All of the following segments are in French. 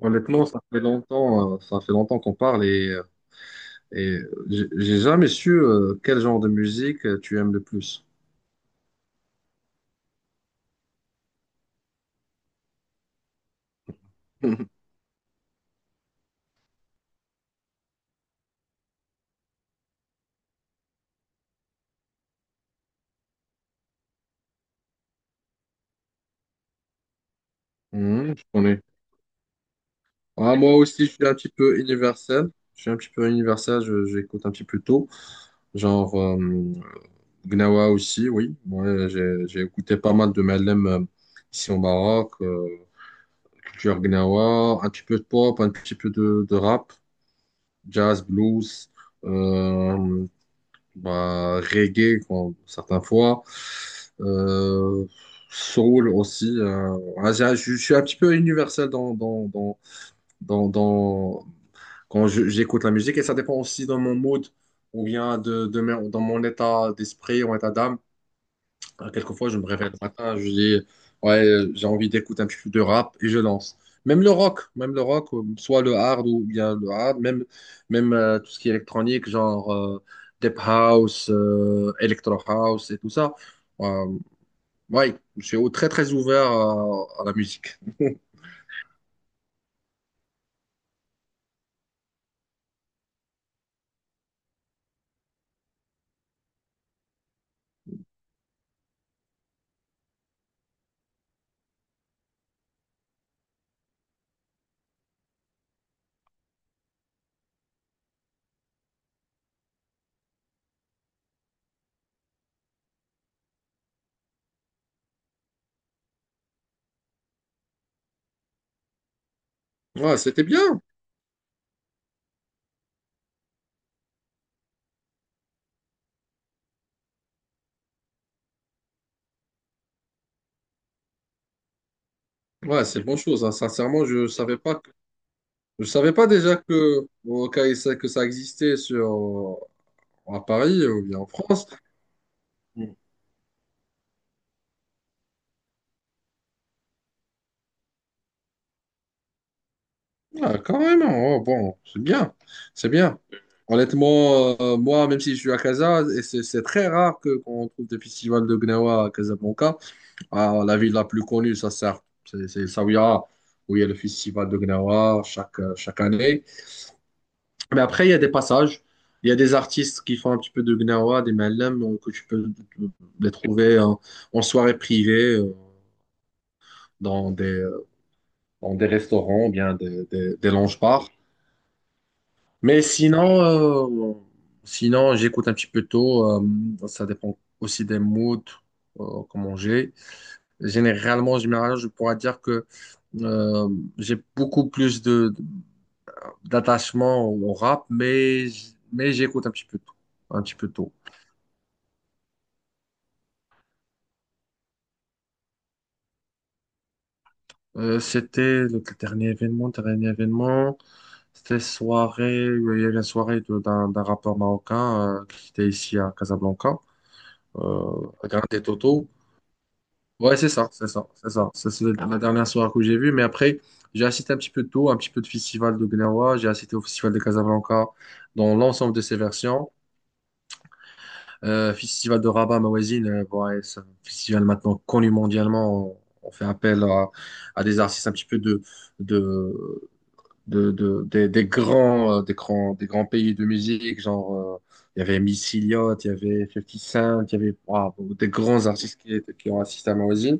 Honnêtement, ça fait longtemps qu'on parle et j'ai jamais su quel genre de musique tu aimes le plus. Mhm, je connais. Ah, moi aussi, je suis un petit peu universel. Je suis un petit peu universel, j'écoute un petit peu tout. Genre Gnawa aussi, oui. Moi, j'ai écouté pas mal de Malem ici au Maroc, culture Gnawa, un petit peu de pop, un petit peu de rap, jazz, blues. Euh, Bah, reggae quand certaines fois, euh, soul aussi. Je suis un petit peu universel dans, dans- quand j'écoute la musique et ça dépend aussi de mon mood ou bien dans mon état d'esprit, mon état d'âme. Quelquefois, je me réveille le matin, je dis, ouais, j'ai envie d'écouter un petit peu de rap et je lance. Même le rock, soit le hard ou bien le hard, même tout ce qui est électronique, genre Deep House, Electro House et tout ça. Euh, ouais, je suis très très ouvert à la musique. Ouais, c'était bien. Ouais, c'est une bonne chose, hein. Sincèrement, je savais pas déjà que, que ça existait à Paris ou bien en France. Ah, carrément. Oh, bon, c'est bien. C'est bien. Honnêtement, moi, même si je suis à Casa, et c'est très rare que qu'on trouve des festivals de Gnawa à Casablanca. Ah, la ville la plus connue, ça sert. C'est Zaouia, où il y a le festival de Gnawa chaque année. Mais après, il y a des passages. Il y a des artistes qui font un petit peu de Gnawa, des Malem, que tu peux euh, les trouver en soirée privée, dans des, euh, dans des restaurants, bien des lounge-bars. Mais sinon j'écoute un petit peu tôt. Ça dépend aussi des moods, comment j'ai. Généralement, en général, je pourrais dire que euh, j'ai beaucoup plus de d'attachement au rap, mais j'écoute un petit peu tôt, un petit peu tôt. C'était le dernier événement, dernier événement. C'était soirée, il y avait une soirée d'un rappeur marocain qui était ici à Casablanca, à Grand et Toto. Ouais, c'est ça, c'est ça, c'est ça. Ça, c'est la dernière soirée que j'ai vue. Mais après, j'ai assisté un petit peu de tout, un petit peu de festival de Gnawa. J'ai assisté au festival de Casablanca dans l'ensemble de ses versions. Festival de Rabat, ma voisine, bon, ouais, c'est un festival maintenant connu mondialement. On fait appel à des artistes un petit peu de, des grands pays de musique. Genre, il y avait Missy Elliott, il y avait 50 Cent, il y avait des grands artistes qui ont assisté à ma voisine.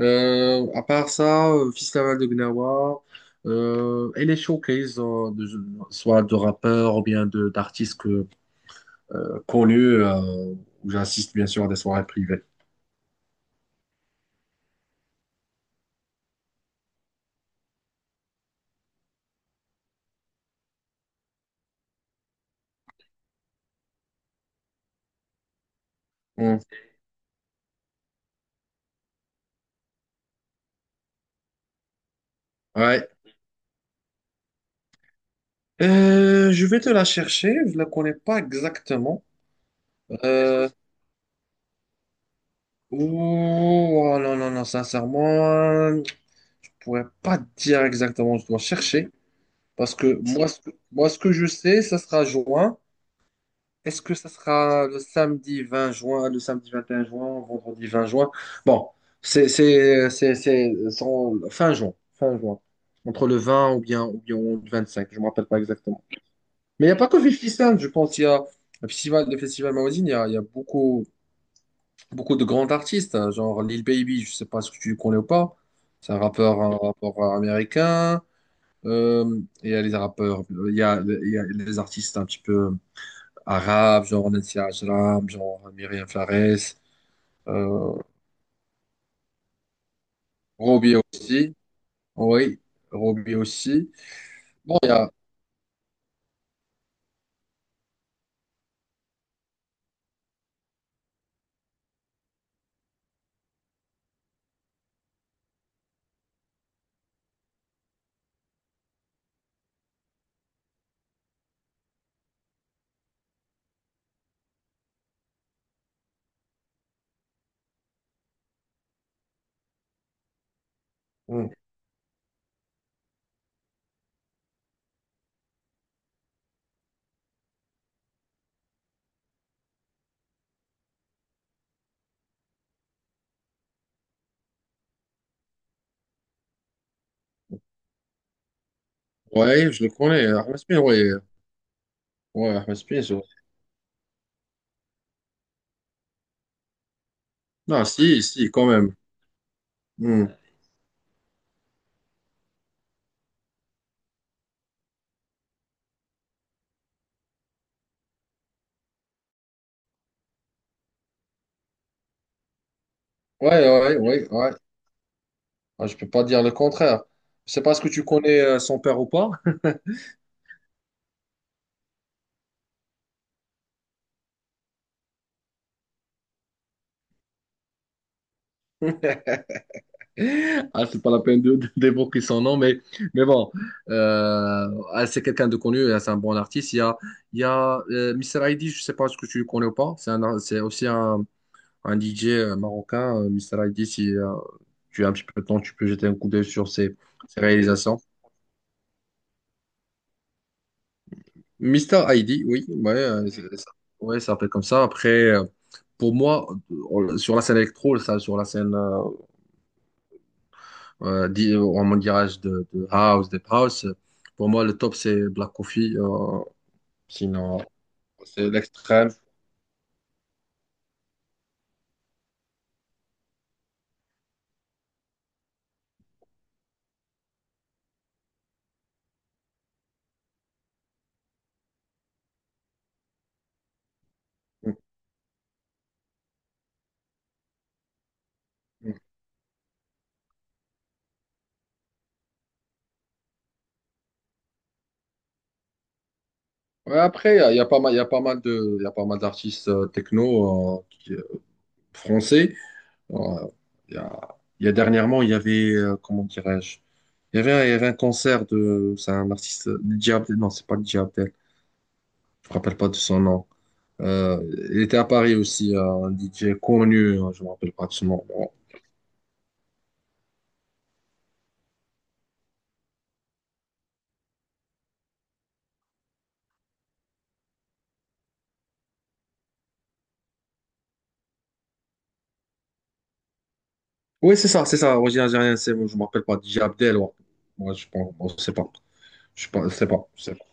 À part ça, festival de Gnawa et les showcases, soit de rappeurs ou bien de d'artistes connus, où j'assiste bien sûr à des soirées privées. Hmm. Ouais. Je vais te la chercher, je la connais pas exactement. Euh, ouh, oh non, non, non, sincèrement, je pourrais pas te dire exactement, je dois chercher. Parce que moi, ce que je sais, ça sera juin. Est-ce que ça sera le samedi 20 juin, le samedi 21 juin, vendredi 20 juin? Bon, fin juin, entre le 20 ou bien le 25, je ne me rappelle pas exactement. Mais il n'y a pas que 50 Cent, je pense, il y a le festival Maozine, il y a beaucoup, beaucoup de grands artistes, hein, genre Lil Baby, je ne sais pas si tu le connais ou pas, c'est un rappeur américain. Euh, il y a les rappeurs, il y a les artistes un petit peu arabe, genre Nasser Ajram, genre Myriam Flores, euh, Roby aussi, oui, Roby aussi. Bon, il y a, hmm, ouais, je le connais, Ahmed Smith, ouais, ouais, Ahmed Smith, ouais. Non, si, si, quand même. Hmm. Ouais, ouais, ouais, ouais, ouais. Ah, je peux pas dire le contraire. Je sais pas ce que tu connais son père ou pas. Ah, c'est pas la peine d'évoquer son nom, mais bon, c'est quelqu'un de connu, ah, c'est un bon artiste. Il y a Mr. Aidi, je sais pas ce que tu le connais ou pas. C'est aussi un DJ marocain. Mr. Aidi, si tu as un petit peu de temps, tu peux jeter un coup d'œil sur ses réalisations. Mister Aidi, oui, ouais, ça, ouais, ça s'appelle comme ça. Après, pour moi, sur la scène électro, ça, sur la scène. En mon dirage de house, deep house. Pour moi, le top, c'est Black Coffee. Sinon, c'est l'extrême. Ouais, après, il y a pas mal d'artistes techno français. Euh, Il y a, il y a dernièrement, il y avait, comment dirais-je, il y avait un concert de, c'est un artiste, Dj Abdel, non, c'est pas Dj Abdel, je me rappelle pas de son nom. Euh, il était à Paris aussi, un DJ connu, je me rappelle pas de son nom. Bon. Oui, c'est ça, c'est ça. Origine algérienne, c'est, je me rappelle pas. DJ Abdel, ouais. Moi, je pense, bon, je sais pas. Je sais pas, je sais pas, je sais pas.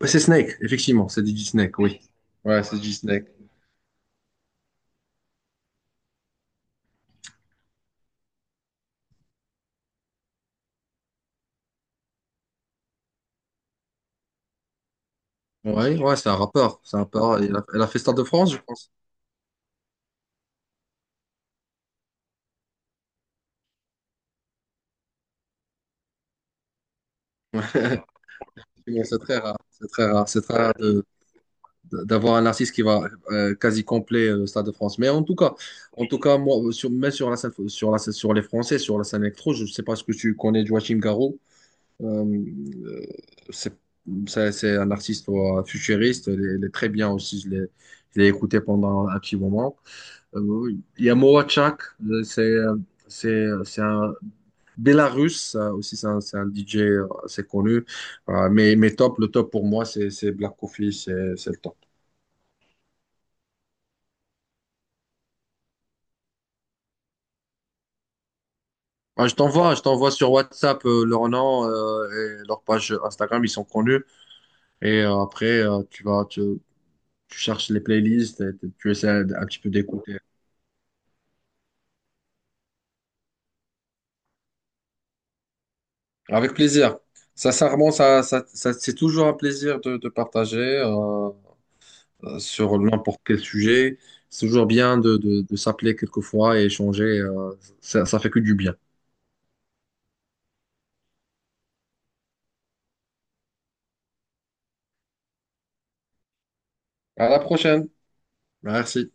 Ouais, c'est Snake, effectivement, c'est DJ Snake, oui. Ouais, c'est DJ Snake. Ouais, ouais, c'est un rappeur. C'est un rappeur. Il a fait Stade de France, je pense. Effectivement, c'est très rare. C'est très rare. C'est très rare d'avoir un artiste qui va quasi complet le Stade de France. Mais en tout cas, moi, mais sur la scène, sur les Français, sur la scène électro, je sais pas ce que tu connais de Joachim Garraud. Euh, c'est c'est un artiste futuriste, il est très bien aussi, je l'ai écouté pendant un petit moment. Euh, il y a Morachak, c'est un Bélarus, ça aussi c'est un DJ assez connu. Mais top, le top pour moi c'est Black Coffee, c'est le top. Ah, je t'envoie sur WhatsApp leur nom et leur page Instagram, ils sont connus. Et après, tu cherches les playlists, et tu essaies un petit peu d'écouter. Avec plaisir. Sincèrement, c'est toujours un plaisir de partager sur n'importe quel sujet. C'est toujours bien de s'appeler quelquefois et échanger. Ça fait que du bien. À la prochaine. Merci.